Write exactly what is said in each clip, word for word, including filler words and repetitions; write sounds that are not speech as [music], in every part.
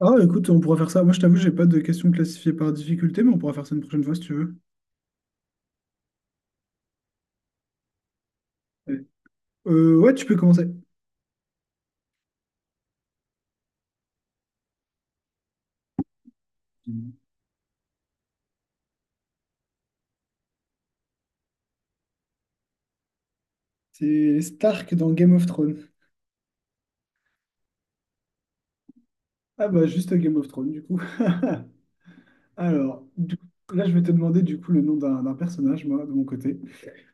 Ah, écoute, on pourra faire ça. Moi, je t'avoue, j'ai pas de questions classifiées par difficulté, mais on pourra faire ça une prochaine fois si tu veux. Allez. Euh, ouais, tu peux commencer. C'est Stark dans Game of Thrones. Ah bah, juste Game of Thrones, du coup. [laughs] Alors, du- Là, je vais te demander, du coup, le nom d'un d'un personnage, moi, de mon côté.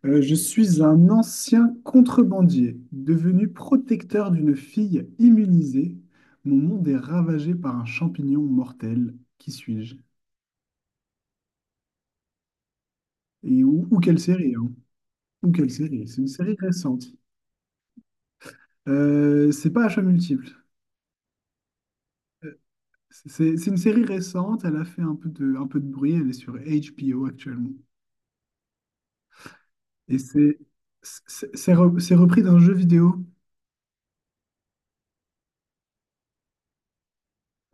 Euh, je suis un ancien contrebandier, devenu protecteur d'une fille immunisée. Mon monde est ravagé par un champignon mortel. Qui suis-je? Et ou, ou quelle série, hein. Ou quelle série? C'est une série récente. Euh, c'est pas achat multiple. C'est c'est une série récente, elle a fait un peu de, un peu de bruit, elle est sur H B O actuellement. Et c'est c'est c'est re- c'est repris d'un jeu vidéo.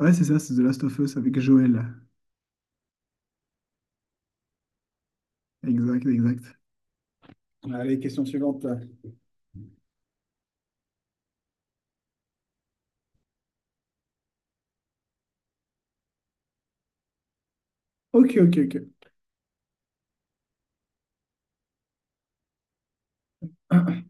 Ouais, c'est ça, c'est The Last of Us avec Joel. Exact, exact. Allez, question suivante. Ok, ok, ok. [clears throat]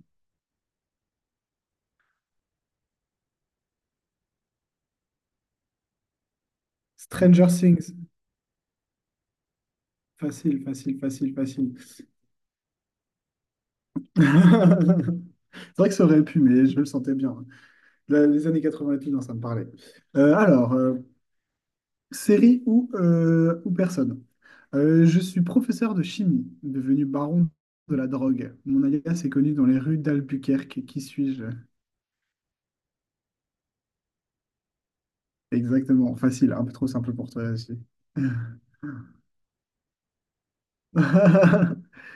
Stranger Things. Facile, facile, facile, facile. [laughs] C'est vrai que ça aurait pu, mais je le sentais bien. La- les années quatre-vingts et tout, non, ça me parlait. Euh, alors, euh, Série ou, euh, ou personne. Euh, je suis professeur de chimie, devenu baron de la drogue. Mon alias est connu dans les rues d'Albuquerque. Qui suis-je? Exactement. Facile, un peu trop simple pour toi aussi. [laughs]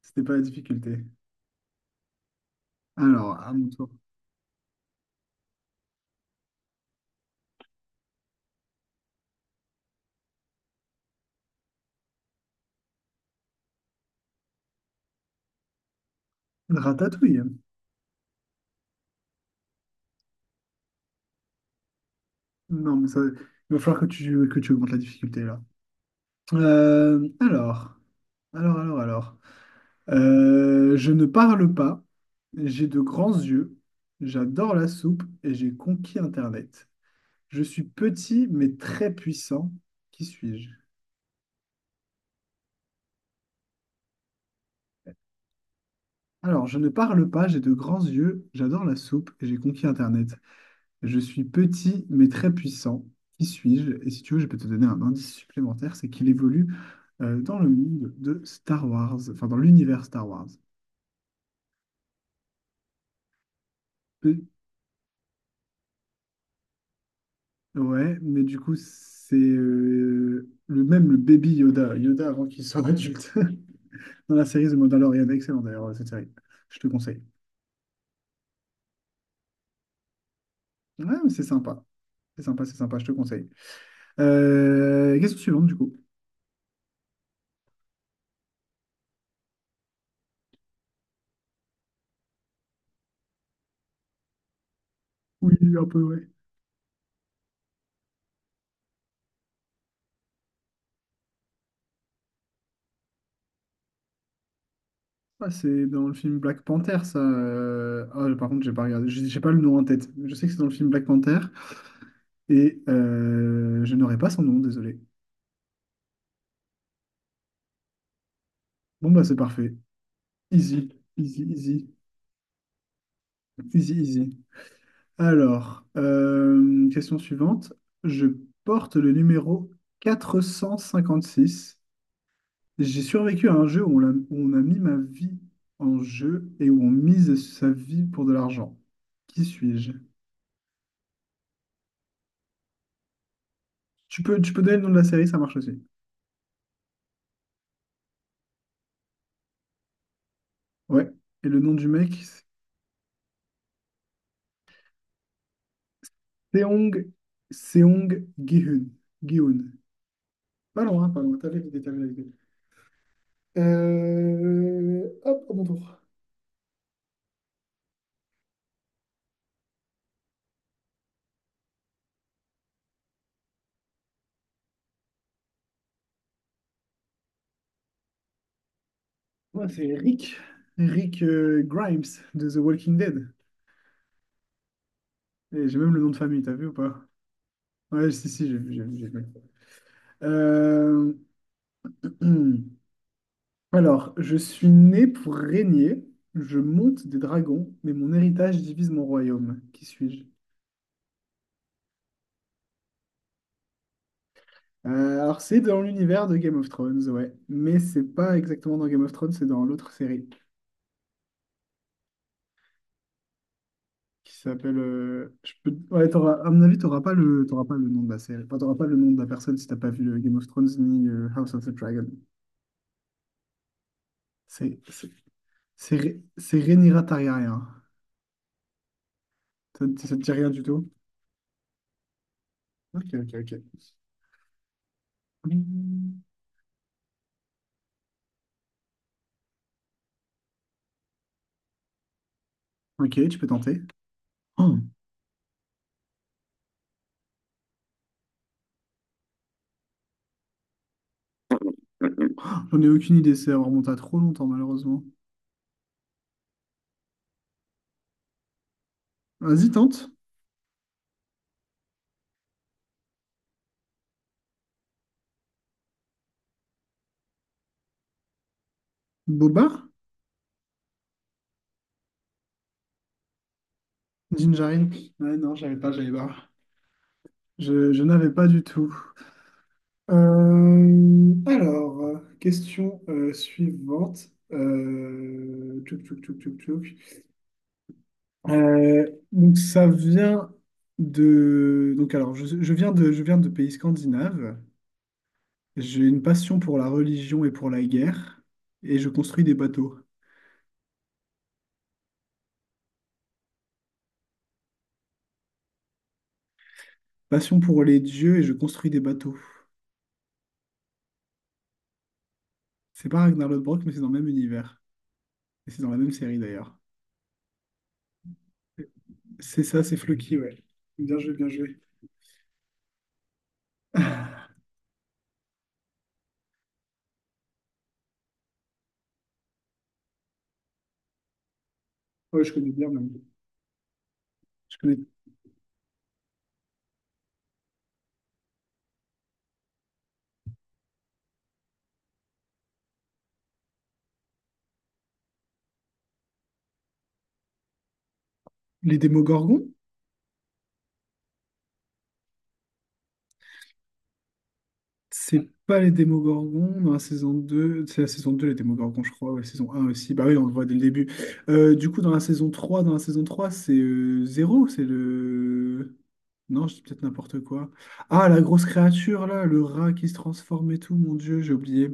C'était pas la difficulté. Alors, à mon tour. Ratatouille. Non, mais ça, il va falloir que tu, que tu augmentes la difficulté là. Euh, alors, alors, alors, alors. Euh, je ne parle pas, j'ai de grands yeux, j'adore la soupe et j'ai conquis Internet. Je suis petit mais très puissant. Qui suis-je? Alors, je ne parle pas, j'ai de grands yeux, j'adore la soupe et j'ai conquis Internet. Je suis petit mais très puissant. Qui suis-je? Et si tu veux, je peux te donner un indice supplémentaire, c'est qu'il évolue euh, dans le monde de Star Wars, enfin dans l'univers Star Wars. Ouais, mais du coup, c'est euh, le même le baby Yoda, Yoda avant qu'il soit adulte, [laughs] dans la série The Mandalorian. Excellent d'ailleurs, euh, cette série. Je te conseille. Ouais, mais c'est sympa. C'est sympa, c'est sympa, je te conseille. Euh, question suivante, du coup. Oui, un peu, ouais. Ah, c'est dans le film Black Panther, ça. euh, Ah, par contre, j'ai pas regardé, j'ai j'ai pas le nom en tête. Je sais que c'est dans le film Black Panther et euh, je n'aurai pas son nom, désolé. Bon, bah, c'est parfait. Easy, easy, easy, easy, easy. Alors, euh, question suivante. Je porte le numéro quatre cent cinquante-six. J'ai survécu à un jeu où on, l'a- où on a mis ma vie en jeu et où on mise sa vie pour de l'argent. Qui suis-je? Tu peux, tu peux donner le nom de la série, ça marche aussi. Ouais. Et le nom du mec, c'est Seong, Seong Gi-hun. Gi-hun. Pas loin, hein, pas loin. T'avais l'idée, t'avais l'idée. Euh, Hop, à mon tour. Moi, c'est Rick. Rick euh, Grimes de The Walking Dead. Et j'ai même le nom de famille, t'as vu ou pas? Ouais, si, si, j'ai vu, j'ai vu, j'ai vu. Euh, [clears throat] Alors, je suis né pour régner, je monte des dragons, mais mon héritage divise mon royaume. Qui suis-je? Euh, alors, c'est dans l'univers de Game of Thrones, ouais. Mais c'est pas exactement dans Game of Thrones, c'est dans l'autre série qui s'appelle. euh, Je peux... Ouais, t'auras- à mon avis, t'auras pas le... t'auras pas le nom de la série. Enfin, t'auras pas le nom de la personne si t'as pas vu euh, Game of Thrones ni euh, House of the Dragon. C'est c'est- c'est Ré- c'est Rhaenyra Targaryen. Ça ne te dit rien du tout? Ok, ok, ok. Mm. Ok, tu peux tenter. Oh, j'en ai aucune idée, ça remonte à trop longtemps, malheureusement. Vas-y, tente. Boba? Gingerine? Ouais, non, j'avais pas, j'avais pas. Je, je n'avais pas du tout. Euh, alors, euh, question euh, suivante. Euh, tchouk, tchouk, tchouk, tchouk, tchouk. Euh, donc, ça vient de. Donc, alors, je, je viens de, je viens de pays scandinaves. J'ai une passion pour la religion et pour la guerre, et je construis des bateaux. Passion pour les dieux et je construis des bateaux. C'est pas Ragnar Lodbrok, mais c'est dans le même univers. Et c'est dans la même série d'ailleurs. C'est ça, c'est Floki, ouais. Bien joué, bien joué. Ouais, je connais bien même. Je connais les Démogorgons? C'est pas les Démogorgons dans la saison deux. C'est la saison deux les Démogorgons, je crois. Ouais, saison un aussi. Bah oui, on le voit dès le début. Euh, du coup, dans la saison trois, dans la saison trois, c'est euh, Zéro. C'est le. Non, je dis peut-être n'importe quoi. Ah, la grosse créature, là, le rat qui se transforme et tout, mon Dieu, j'ai oublié.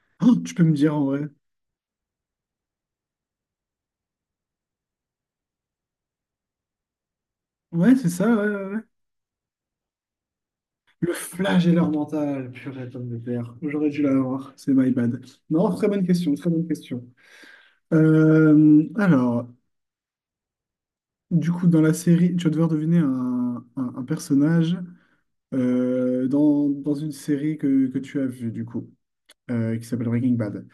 [gasps] Oh, tu peux me dire en vrai. Ouais, c'est ça, ouais, ouais, ouais. Le flagelleur mental, purée, pomme de terre. J'aurais dû l'avoir, c'est my bad. Non, très bonne question, très bonne question. Euh, alors, Du coup, dans la série, tu vas devoir deviner un, un- un personnage euh, dans, dans une série que, que tu as vue, du coup, euh, qui s'appelle Breaking Bad.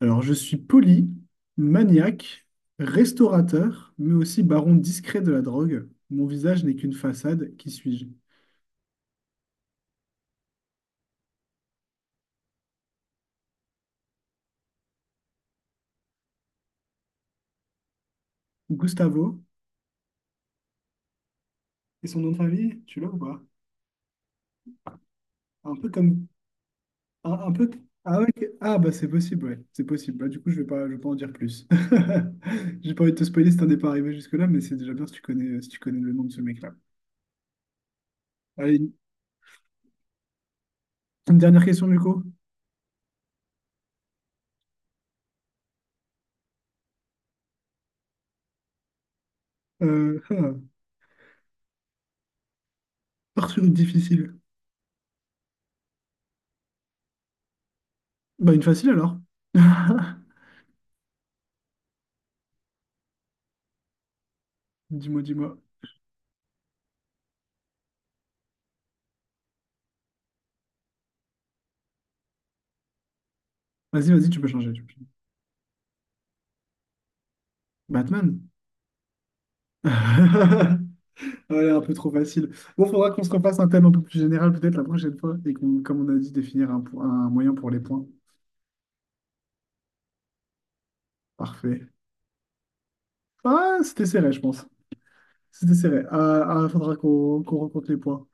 Alors, je suis poli, maniaque, restaurateur, mais aussi baron discret de la drogue. Mon visage n'est qu'une façade, qui suis-je? Gustavo, et son nom de famille, tu l'as ou pas? Un peu comme Un, un peu. Ah, ok. Ah, bah, c'est possible, ouais. C'est possible. Bah, du coup, je vais pas, je vais pas en dire plus. [laughs] J'ai pas envie de te spoiler si t'en es pas arrivé jusque-là, mais c'est déjà bien si tu connais, si tu connais le nom de ce mec-là. Allez, une une dernière question, du coup. Euh, [laughs] ah, pars sur une difficile. Bah, une facile alors. [laughs] Dis-moi, dis-moi. Vas-y, vas-y, tu peux changer. Tu peux changer. Batman. [laughs] Ouais, un peu trop facile. Bon, faudra qu'on se refasse un thème un peu plus général peut-être la prochaine fois et qu'on, comme on a dit, définir un, po- un moyen pour les points. Parfait. Ah, c'était serré, je pense. C'était serré. Il faudra qu'on qu'on rencontre les points.